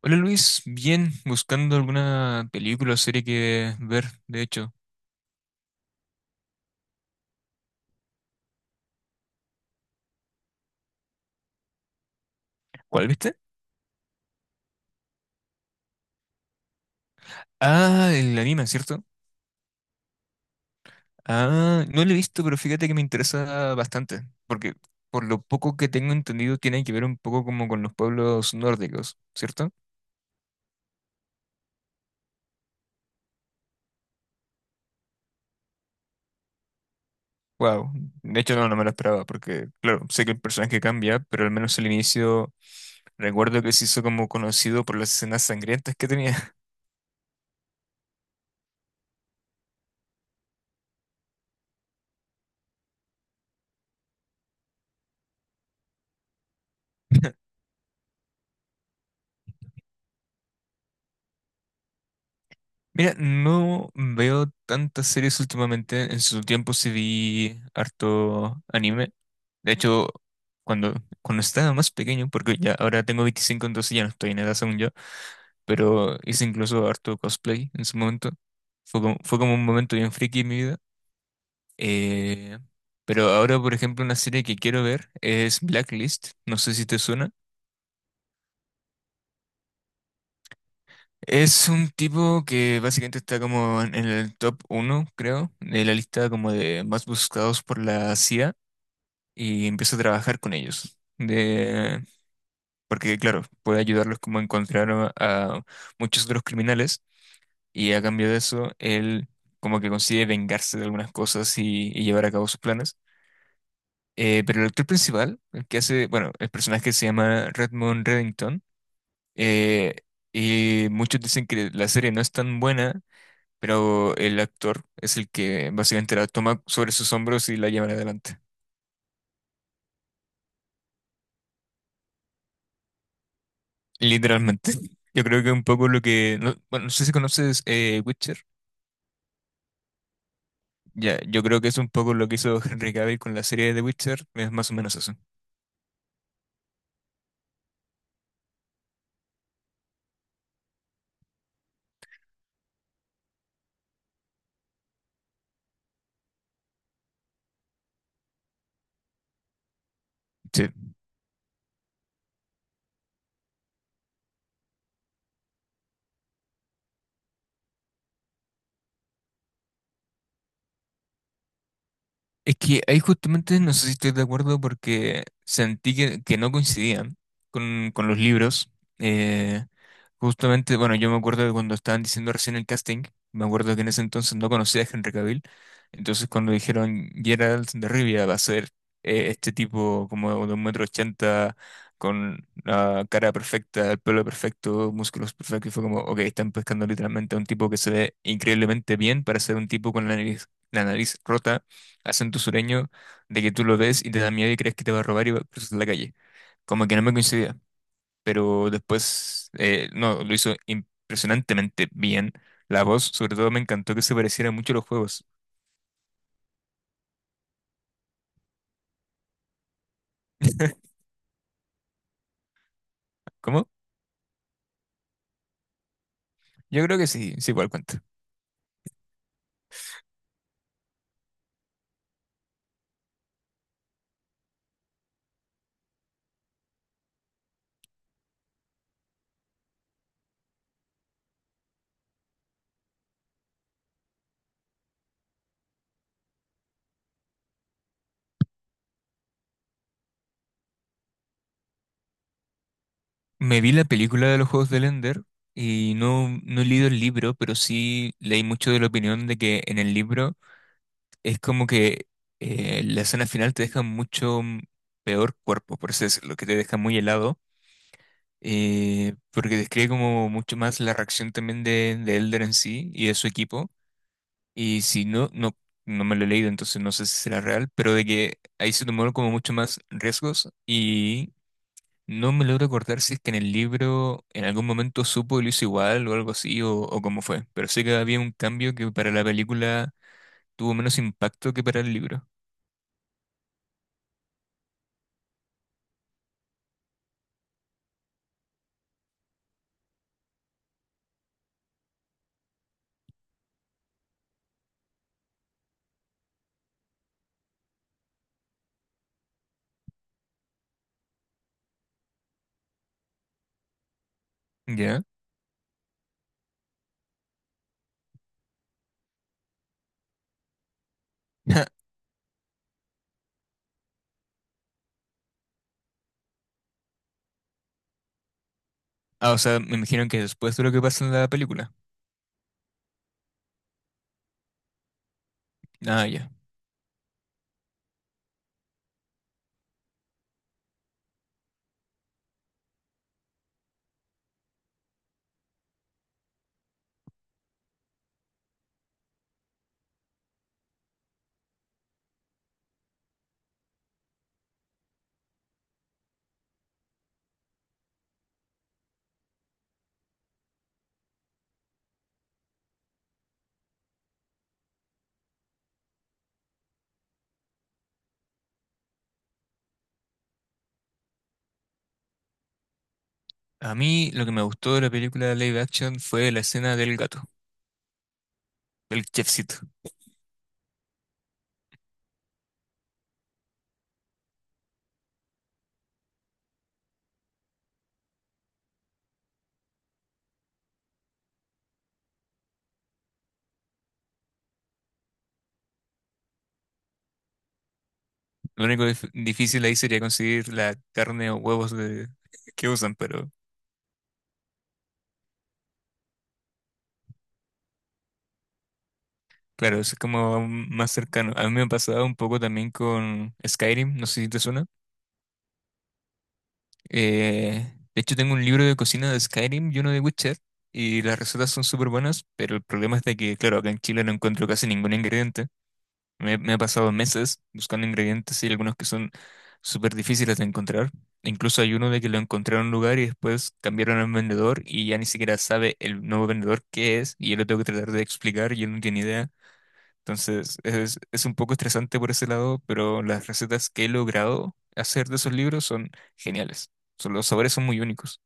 Hola Luis, bien, buscando alguna película o serie que ver, de hecho. ¿Cuál viste? Ah, el anime, ¿cierto? Ah, no lo he visto, pero fíjate que me interesa bastante, porque por lo poco que tengo entendido tiene que ver un poco como con los pueblos nórdicos, ¿cierto? Wow, de hecho no, no me lo esperaba, porque claro, sé que el personaje cambia, pero al menos al inicio recuerdo que se hizo como conocido por las escenas sangrientas que tenía. Mira, no veo tantas series últimamente. En su tiempo sí vi harto anime. De hecho, cuando, cuando estaba más pequeño, porque ya ahora tengo 25 entonces ya no estoy en edad según yo, pero hice incluso harto cosplay en su momento. Fue como un momento bien friki en mi vida. Eh, pero ahora, por ejemplo, una serie que quiero ver es Blacklist. No sé si te suena. Es un tipo que básicamente está como en el top uno creo, de la lista como de más buscados por la CIA y empezó a trabajar con ellos. Porque, claro, puede ayudarlos como a encontrar a muchos otros criminales y a cambio de eso, él como que consigue vengarse de algunas cosas y llevar a cabo sus planes. Pero el actor principal, el que hace, bueno, el personaje se llama Redmond Reddington. eh, y muchos dicen que la serie no es tan buena, pero el actor es el que básicamente la toma sobre sus hombros y la lleva adelante. Literalmente. Yo creo que un poco no, bueno, no sé si conoces Witcher. Ya, yo creo que es un poco lo que hizo Henry Cavill con la serie de The Witcher. Es más o menos eso. Sí. Es que ahí justamente no sé si estoy de acuerdo porque sentí que no coincidían con los libros. Eh, Justamente, bueno, yo me acuerdo de cuando estaban diciendo recién el casting, me acuerdo que en ese entonces no conocía a Henry Cavill. Entonces cuando dijeron Geralt de Rivia va a ser este tipo como de 1,80 m, con la cara perfecta, el pelo perfecto, músculos perfectos, y fue como, ok, están pescando literalmente a un tipo que se ve increíblemente bien para ser un tipo con la nariz rota, acento sureño, de que tú lo ves y te da miedo y crees que te va a robar y va a cruzar la calle. Como que no me coincidía, pero después, no, lo hizo impresionantemente bien. La voz, sobre todo, me encantó que se pareciera mucho a los juegos. ¿Cómo? Yo creo que sí, sí, igual cuenta. Me vi la película de los juegos de Ender y no, no he leído el libro, pero sí leí mucho de la opinión de que en el libro es como que la escena final te deja mucho peor cuerpo, por así decirlo, que te deja muy helado, porque describe como mucho más la reacción también de Elder en sí y de su equipo. Y si no, no me lo he leído, entonces no sé si será real, pero de que ahí se tomaron como mucho más riesgos y no me logro acordar si es que en el libro en algún momento supo y lo hizo igual o algo así o cómo fue. Pero sé que había un cambio que para la película tuvo menos impacto que para el libro. ¿Ya? Ah, o sea, me imagino que después de lo que pasa en la película. Ah, ya. A mí lo que me gustó de la película live action fue la escena del gato, del chefcito. Lo único difícil ahí sería conseguir la carne o huevos que usan, pero claro, eso es como aún más cercano. A mí me ha pasado un poco también con Skyrim, no sé si te suena. De hecho, tengo un libro de cocina de Skyrim y uno de Witcher, y las recetas son súper buenas, pero el problema es de que, claro, acá en Chile no encuentro casi ningún ingrediente. Me he pasado meses buscando ingredientes y algunos que son súper difíciles de encontrar. Incluso hay uno de que lo encontré en un lugar y después cambiaron al vendedor y ya ni siquiera sabe el nuevo vendedor qué es y yo lo tengo que tratar de explicar y él no tiene idea. Entonces es un poco estresante por ese lado, pero las recetas que he logrado hacer de esos libros son geniales. Los sabores son muy únicos.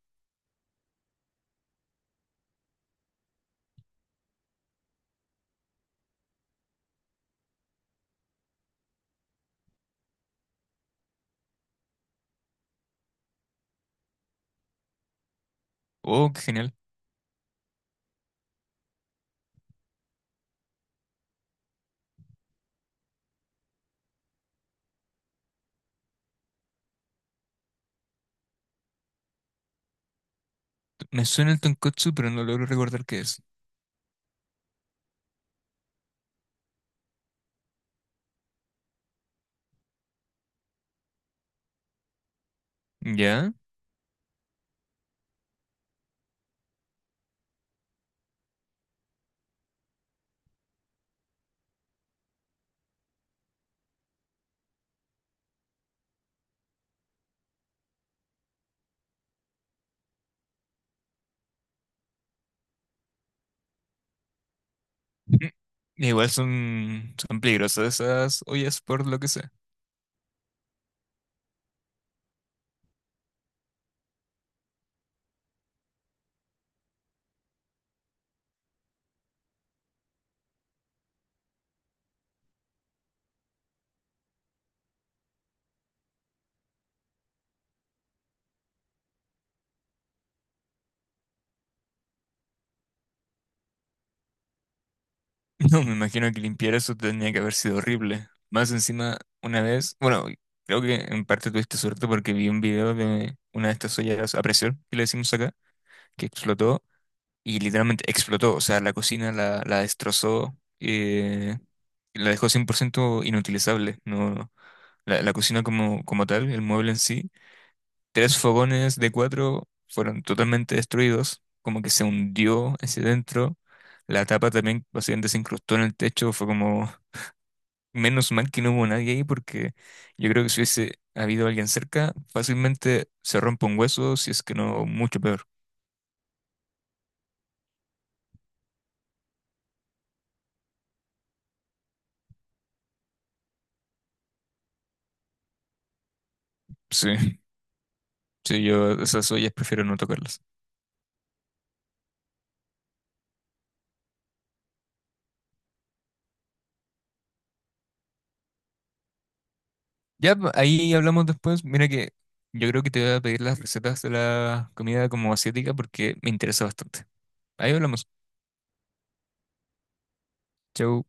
Oh, qué genial. Me suena el tonkotsu, pero no logro recordar qué es. ¿Ya? Igual son peligrosas esas ollas por lo que sé. No, me imagino que limpiar eso tenía que haber sido horrible. Más encima, una vez, bueno, creo que en parte tuviste suerte porque vi un video de una de estas ollas a presión, que le decimos acá, que explotó y literalmente explotó. O sea, la cocina la destrozó, la dejó 100% inutilizable. No, la cocina como tal, el mueble en sí. Tres fogones de cuatro fueron totalmente destruidos, como que se hundió hacia adentro. La tapa también básicamente se incrustó en el techo. Fue como, menos mal que no hubo nadie ahí, porque yo creo que si hubiese habido alguien cerca, fácilmente se rompe un hueso, si es que no, mucho peor. Sí, sí, yo esas ollas prefiero no tocarlas. Ya, ahí hablamos después. Mira que yo creo que te voy a pedir las recetas de la comida como asiática porque me interesa bastante. Ahí hablamos. Chau.